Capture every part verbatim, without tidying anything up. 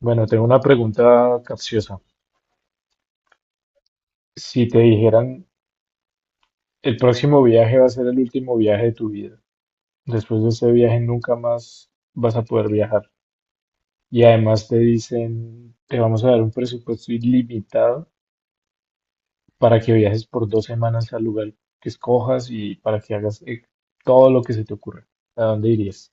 Bueno, tengo una pregunta capciosa. Si te dijeran, el próximo viaje va a ser el último viaje de tu vida, después de ese viaje nunca más vas a poder viajar. Y además te dicen, te vamos a dar un presupuesto ilimitado para que viajes por dos semanas al lugar que escojas y para que hagas eh, todo lo que se te ocurra. ¿A dónde irías?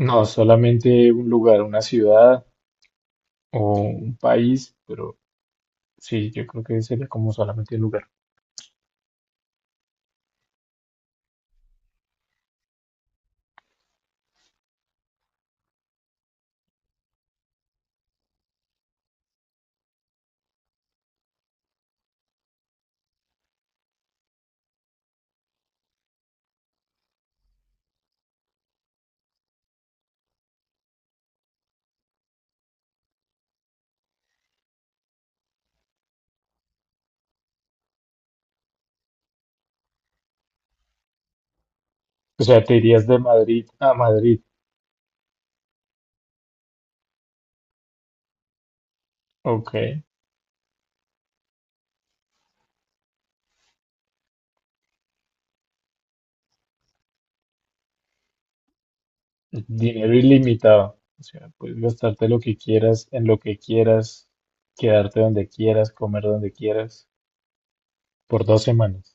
No, solamente un lugar, una ciudad o un país, pero sí, yo creo que sería como solamente un lugar. O sea, te irías de Madrid a Madrid. Ok, dinero ilimitado. O sea, puedes gastarte lo que quieras, en lo que quieras, quedarte donde quieras, comer donde quieras, por dos semanas.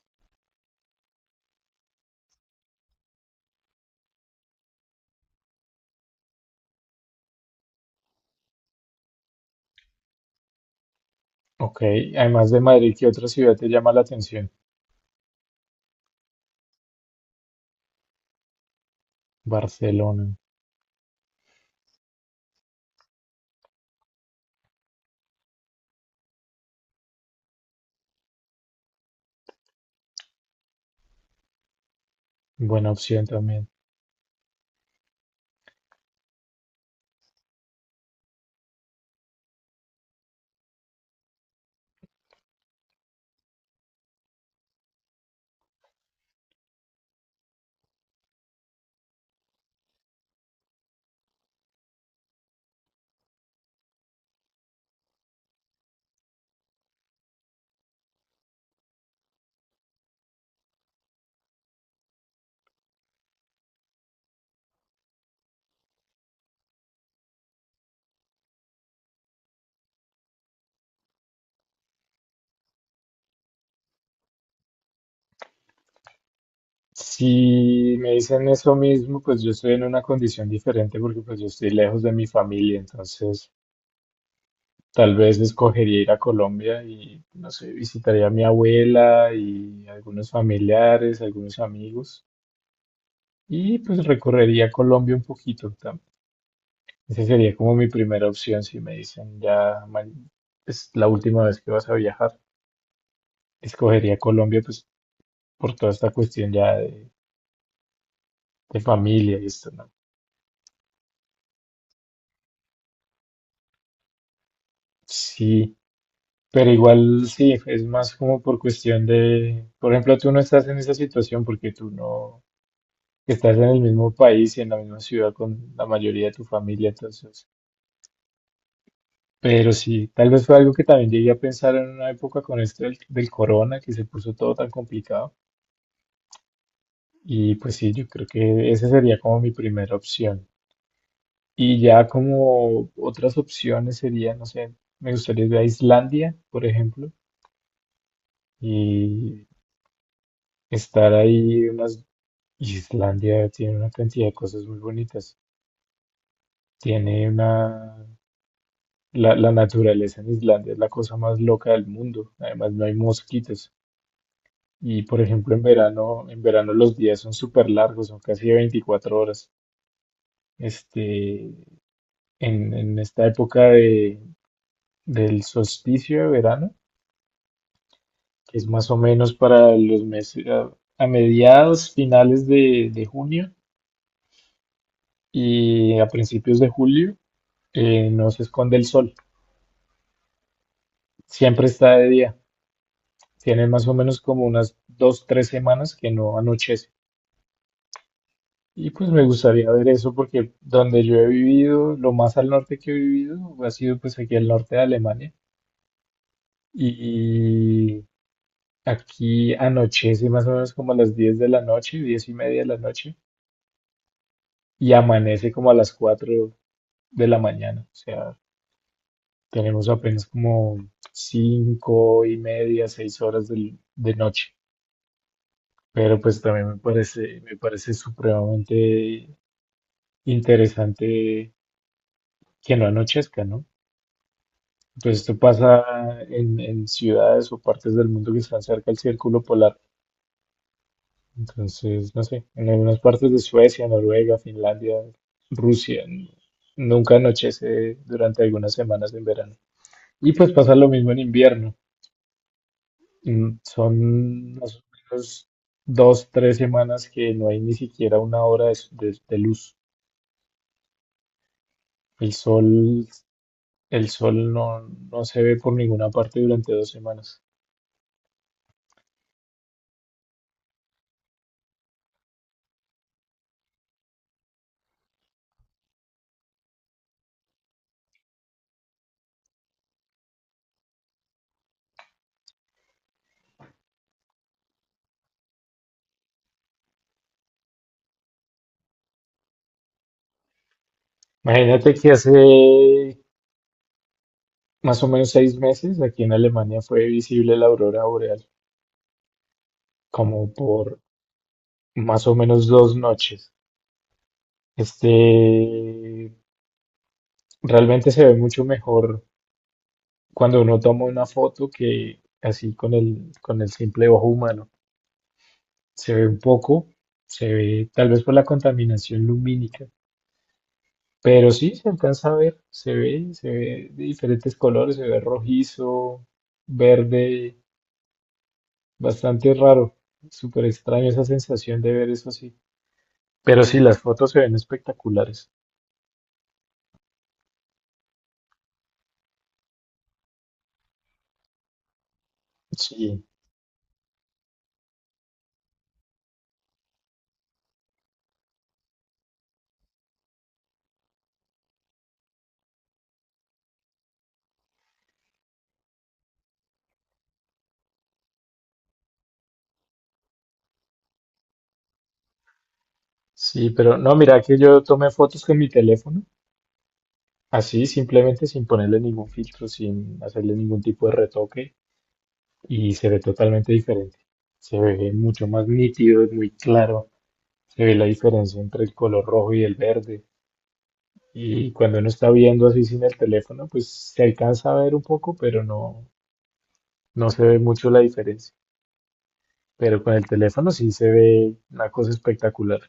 Ok, además de Madrid, ¿qué otra ciudad te llama la atención? Barcelona, buena opción también. Si me dicen eso mismo, pues yo estoy en una condición diferente porque pues yo estoy lejos de mi familia, entonces tal vez escogería ir a Colombia y, no sé, visitaría a mi abuela y algunos familiares, algunos amigos. Y pues recorrería Colombia un poquito también. Esa sería como mi primera opción si me dicen ya ma- es la última vez que vas a viajar. Escogería Colombia pues por toda esta cuestión ya de, de familia y esto, ¿no? Sí, pero igual sí, es más como por cuestión de, por ejemplo, tú no estás en esa situación porque tú no estás en el mismo país y en la misma ciudad con la mayoría de tu familia, entonces... Pero sí, tal vez fue algo que también llegué a pensar en una época con esto del, del corona, que se puso todo tan complicado. Y pues sí, yo creo que esa sería como mi primera opción. Y ya como otras opciones serían, no sé, me gustaría ir a Islandia, por ejemplo, y estar ahí unas... Islandia tiene una cantidad de cosas muy bonitas. Tiene una... La, la naturaleza en Islandia es la cosa más loca del mundo. Además, no hay mosquitos. Y por ejemplo, en verano, en verano los días son súper largos, son casi de veinticuatro horas. Este, en, en esta época de, del solsticio de verano, que es más o menos para los meses, a, a mediados, finales de, de junio y a principios de julio, eh, no se esconde el sol. Siempre está de día. Tienen más o menos como unas dos, tres semanas que no anochece. Y pues me gustaría ver eso porque donde yo he vivido, lo más al norte que he vivido ha sido pues aquí al norte de Alemania. Y aquí anochece más o menos como a las diez de la noche, diez y media de la noche, y amanece como a las cuatro de la mañana. O sea, tenemos apenas como cinco y media, seis horas del- de, noche. Pero pues también me parece, me parece supremamente interesante que no anochezca, ¿no? Pues esto pasa en, en ciudades o partes del mundo que están cerca del círculo polar. Entonces, no sé, en algunas partes de Suecia, Noruega, Finlandia, Rusia, n- nunca anochece durante algunas semanas en verano. Y pues pasa lo mismo en invierno. Mm, son más o menos dos, tres semanas que no hay ni siquiera una hora de, de- de luz. El sol, el sol no, no, se ve por ninguna parte durante dos semanas. Imagínate que hace más o menos seis meses, aquí en Alemania fue visible la aurora boreal, como por más o menos dos noches. Este, realmente se ve mucho mejor cuando uno toma una foto que así con el, con el simple ojo humano. Se ve un poco, se ve tal vez por la contaminación lumínica, pero sí se alcanza a ver, se ve, se ve de diferentes colores, se ve rojizo, verde, bastante raro. Súper extraño esa sensación de ver eso así. Pero sí, las fotos se ven espectaculares. Sí, sí, pero no, mira que yo tomé fotos con mi teléfono, así simplemente sin ponerle ningún filtro, sin hacerle ningún tipo de retoque y se ve totalmente diferente. Se ve mucho más nítido, es muy claro, se ve la diferencia entre el color rojo y el verde. Y cuando uno está viendo así sin el teléfono, pues se alcanza a ver un poco, pero no, no se ve mucho la diferencia. Pero con el teléfono sí se ve una cosa espectacular.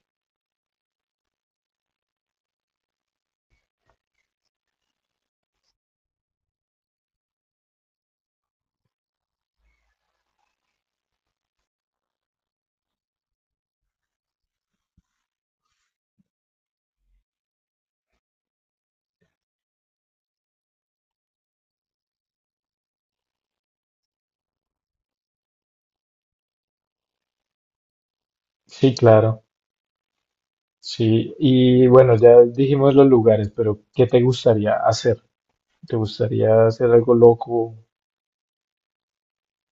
Sí, claro. Sí, y bueno, ya dijimos los lugares, pero ¿qué te gustaría hacer? ¿Te gustaría hacer algo loco,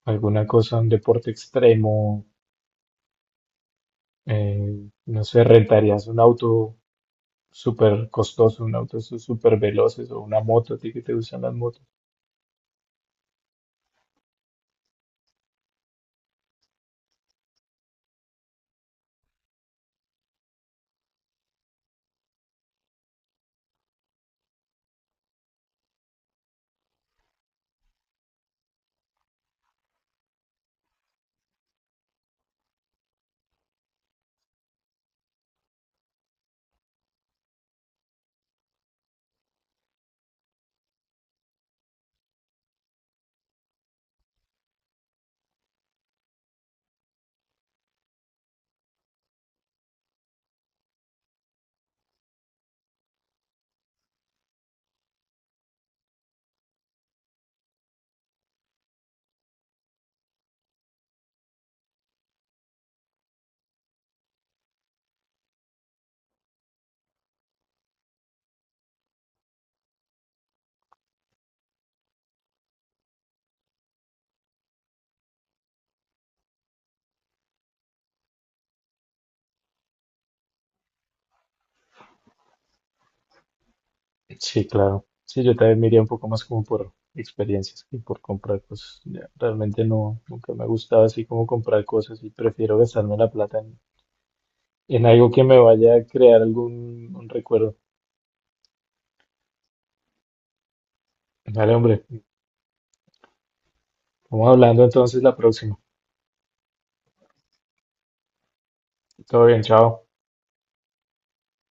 alguna cosa, un deporte extremo? Eh, no sé, ¿rentarías un auto súper costoso, un auto súper veloces o una moto? ¿A ti que te gustan las motos? Sí, claro. Sí, yo también me iría un poco más como por experiencias que por comprar cosas. Ya, realmente no, nunca me ha gustado así como comprar cosas y prefiero gastarme la plata en, en algo que me vaya a crear algún un recuerdo. Dale, hombre. Vamos hablando entonces la próxima. Todo bien, chao.